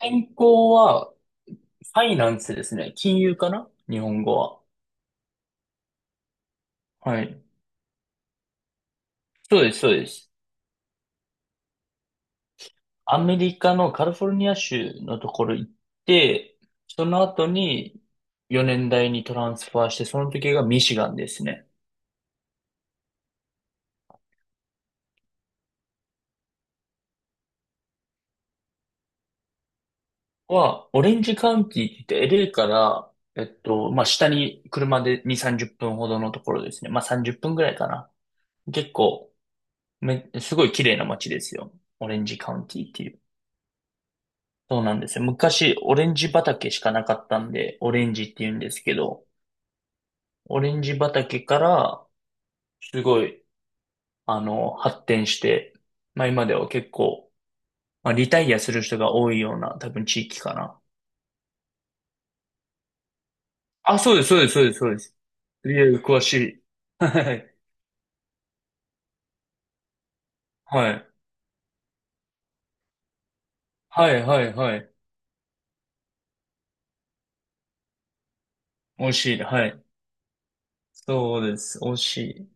健康は、ファイナンスですね。金融かな日本語は。はい。そうです、そうです。アメリカのカリフォルニア州のところ行って、その後に4年大にトランスファーして、その時がミシガンですね。オレンジカウンティって言って LA から、まあ、下に車で2、30分ほどのところですね。まあ、30分ぐらいかな。結構、すごい綺麗な街ですよ。オレンジカウンティっていう。そうなんですよ。昔、オレンジ畑しかなかったんで、オレンジって言うんですけど、オレンジ畑から、すごい、発展して、まあ今では結構、まあリタイアする人が多いような、多分地域かな。あ、そうです、そうです、そうです、そうです。いや、詳しい。はい。はい。はい、はい、はい。美味しい。はい。そうです。美味しい。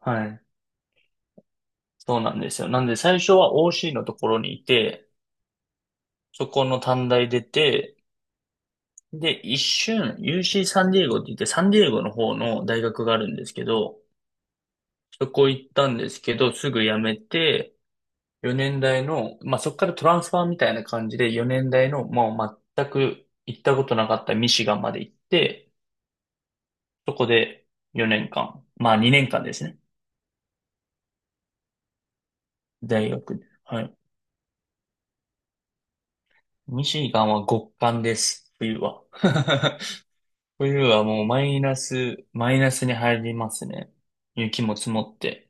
はい。そうなんですよ。なんで最初は OC のところにいて、そこの短大出て、で、一瞬、UC サンディエゴって言って、サンディエゴの方の大学があるんですけど、そこ行ったんですけど、すぐ辞めて、4年大の、まあ、そこからトランスファーみたいな感じで、4年大の、もう全く行ったことなかったミシガンまで行って、そこで4年間、まあ2年間ですね。大学。はい。ミシガンは極寒です、冬は。冬はもうマイナスに入りますね。雪も積もって。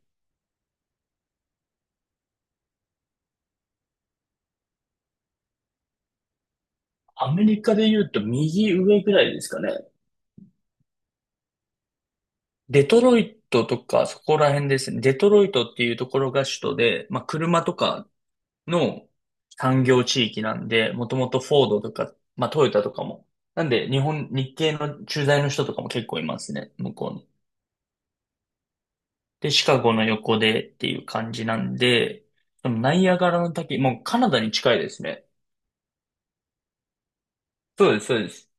アメリカで言うと右上ぐらいですかね。デトロイトとかそこら辺ですね。デトロイトっていうところが首都で、まあ車とかの産業地域なんで、もともとフォードとか、まあトヨタとかも。なんで日系の駐在の人とかも結構いますね、向こうに。で、シカゴの横でっていう感じなんで、そのナイアガラの滝、もうカナダに近いですね。そうです、そうです。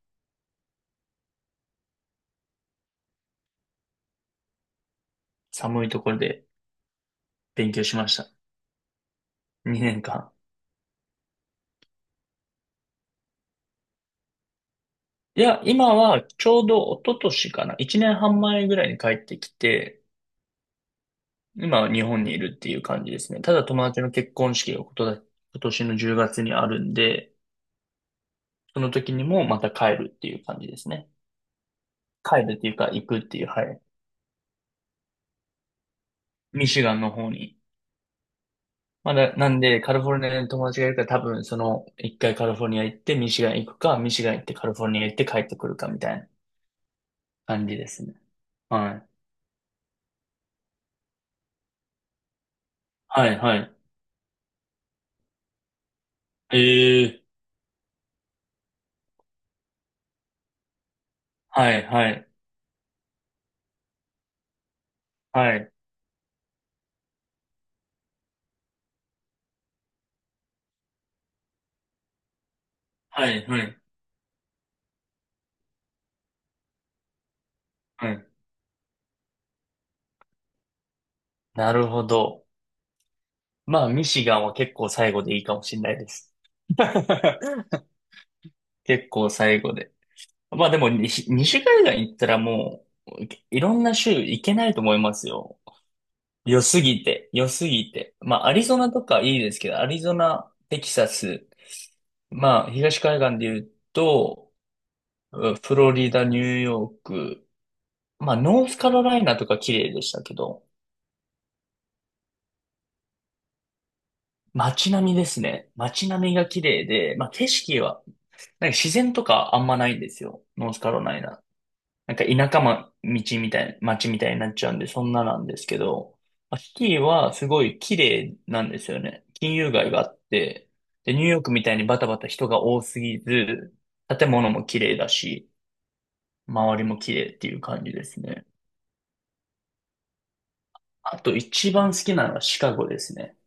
寒いところで勉強しました。2年間。いや、今はちょうど一昨年かな。一年半前ぐらいに帰ってきて、今は日本にいるっていう感じですね。ただ友達の結婚式がことだ今年の10月にあるんで、その時にもまた帰るっていう感じですね。帰るっていうか行くっていう、はい。ミシガンの方に。まだ、なんでカリフォルニアに友達がいるから多分その一回カリフォルニア行ってミシガン行くか、ミシガン行ってカリフォルニア行って帰ってくるかみたいな感じですね。はい。はい、はい。ええはい、はい、はい、はい、はい。はい。なるほど。まあ、ミシガンは結構最後でいいかもしれないです。結構最後で。まあでも西海岸行ったらもう、いろんな州行けないと思いますよ。良すぎて、良すぎて。まあ、アリゾナとかいいですけど、アリゾナ、テキサス、まあ、東海岸で言うと、うんフロリダ、ニューヨーク、まあ、ノースカロライナとか綺麗でしたけど、街並みですね。街並みが綺麗で、まあ景色は、なんか自然とかあんまないんですよ。ノースカロライナ。なんか田舎ま、道みたいな、街みたいになっちゃうんで、そんななんですけど、まあシティはすごい綺麗なんですよね。金融街があって、で、ニューヨークみたいにバタバタ人が多すぎず、建物も綺麗だし、周りも綺麗っていう感じですね。あと一番好きなのはシカゴですね。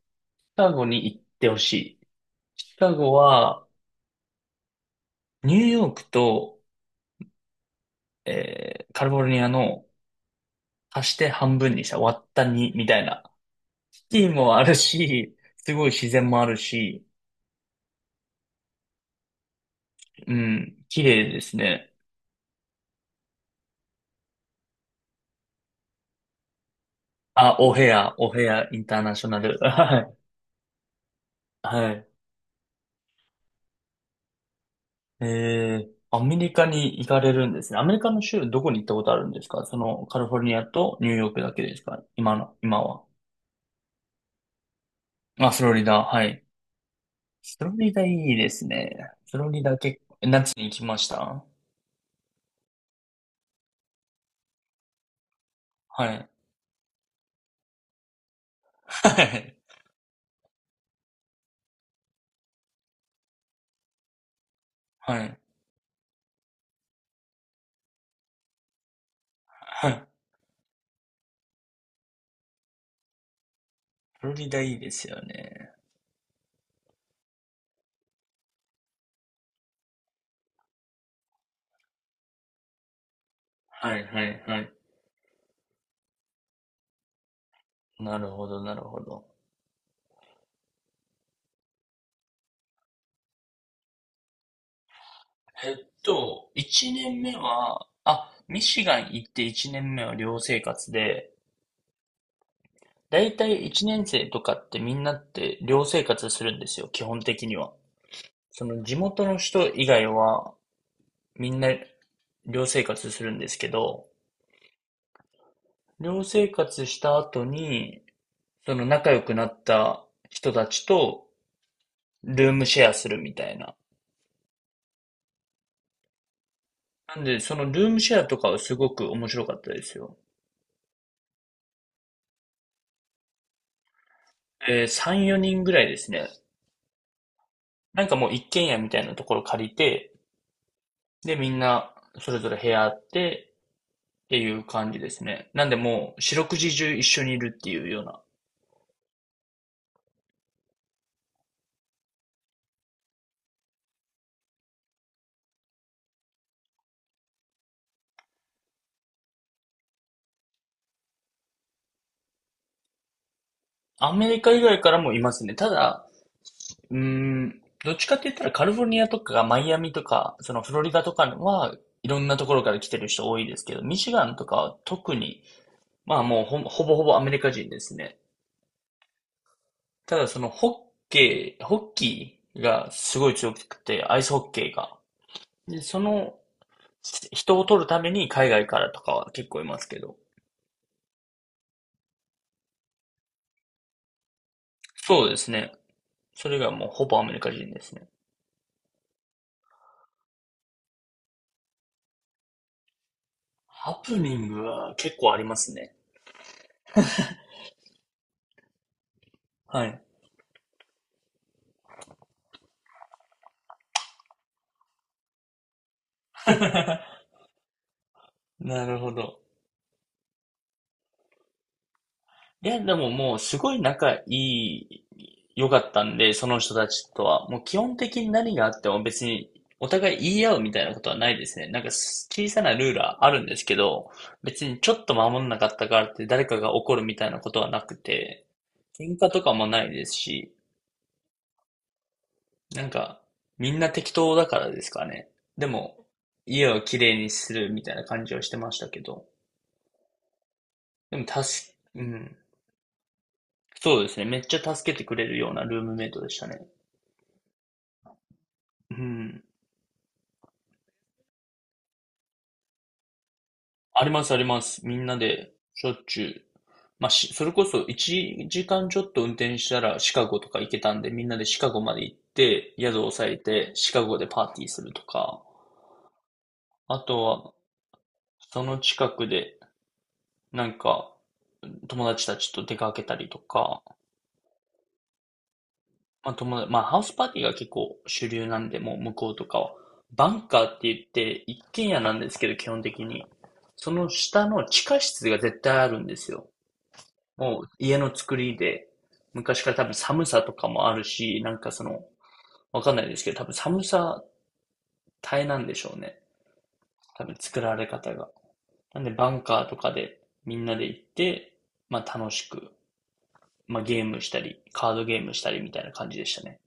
シカゴに行ってほしい。シカゴは、ニューヨークとカリフォルニアの足して半分にした割った2みたいな。シティもあるし、すごい自然もあるし、うん、綺麗ですね。あ、オヘアインターナショナル。はい。はい。えアメリカに行かれるんですね。アメリカの州どこに行ったことあるんですか？そのカリフォルニアとニューヨークだけですか？今は。あ、フロリダ、はい。フロリダいいですね。フロリダ結構、夏に行きましたはい。はい。はい。はい。フロリダいいですよね。はいはいはい。なるほど、なるほど。えっ1年目は、あ、ミシガン行って1年目は寮生活で、だいたい1年生とかってみんなって寮生活するんですよ、基本的には。その地元の人以外はみんな寮生活するんですけど、寮生活した後に、その仲良くなった人たちとルームシェアするみたいななんで、そのルームシェアとかはすごく面白かったですよ。3、4人ぐらいですね。なんかもう一軒家みたいなところ借りて、で、みんなそれぞれ部屋あってっていう感じですね。なんでもう四六時中一緒にいるっていうような。アメリカ以外からもいますね。ただ、うーん、どっちかって言ったらカリフォルニアとかマイアミとか、そのフロリダとかはいろんなところから来てる人多いですけど、ミシガンとかは特に、まあもうほぼほぼアメリカ人ですね。ただそのホッケー、ホッキーがすごい強くて、アイスホッケーが。で、その人を取るために海外からとかは結構いますけど。そうですね。それがもうほぼアメリカ人ですね。ハプニングは結構ありますね。はい。なるほど。いや、でももうすごい仲いい、良かったんで、その人たちとは。もう基本的に何があっても別にお互い言い合うみたいなことはないですね。なんか小さなルールはあるんですけど、別にちょっと守んなかったからって誰かが怒るみたいなことはなくて、喧嘩とかもないですし、なんかみんな適当だからですかね。でも家をきれいにするみたいな感じはしてましたけど、でもうん。そうですね。めっちゃ助けてくれるようなルームメイトでしたね。うん。ありますあります。みんなでしょっちゅう。まあ、それこそ1時間ちょっと運転したらシカゴとか行けたんで、みんなでシカゴまで行って、宿を抑えて、シカゴでパーティーするとか、あとは、その近くで、なんか、友達たちと出かけたりとか、まあ、友達、まあ、ハウスパーティーが結構主流なんで、もう向こうとかは。バンカーって言って、一軒家なんですけど、基本的に。その下の地下室が絶対あるんですよ。もう家の作りで、昔から多分寒さとかもあるし、なんかその、わかんないですけど、多分寒さ耐えなんでしょうね。多分作られ方が。なんでバンカーとかでみんなで行って、まあ楽しく、まあゲームしたり、カードゲームしたりみたいな感じでしたね。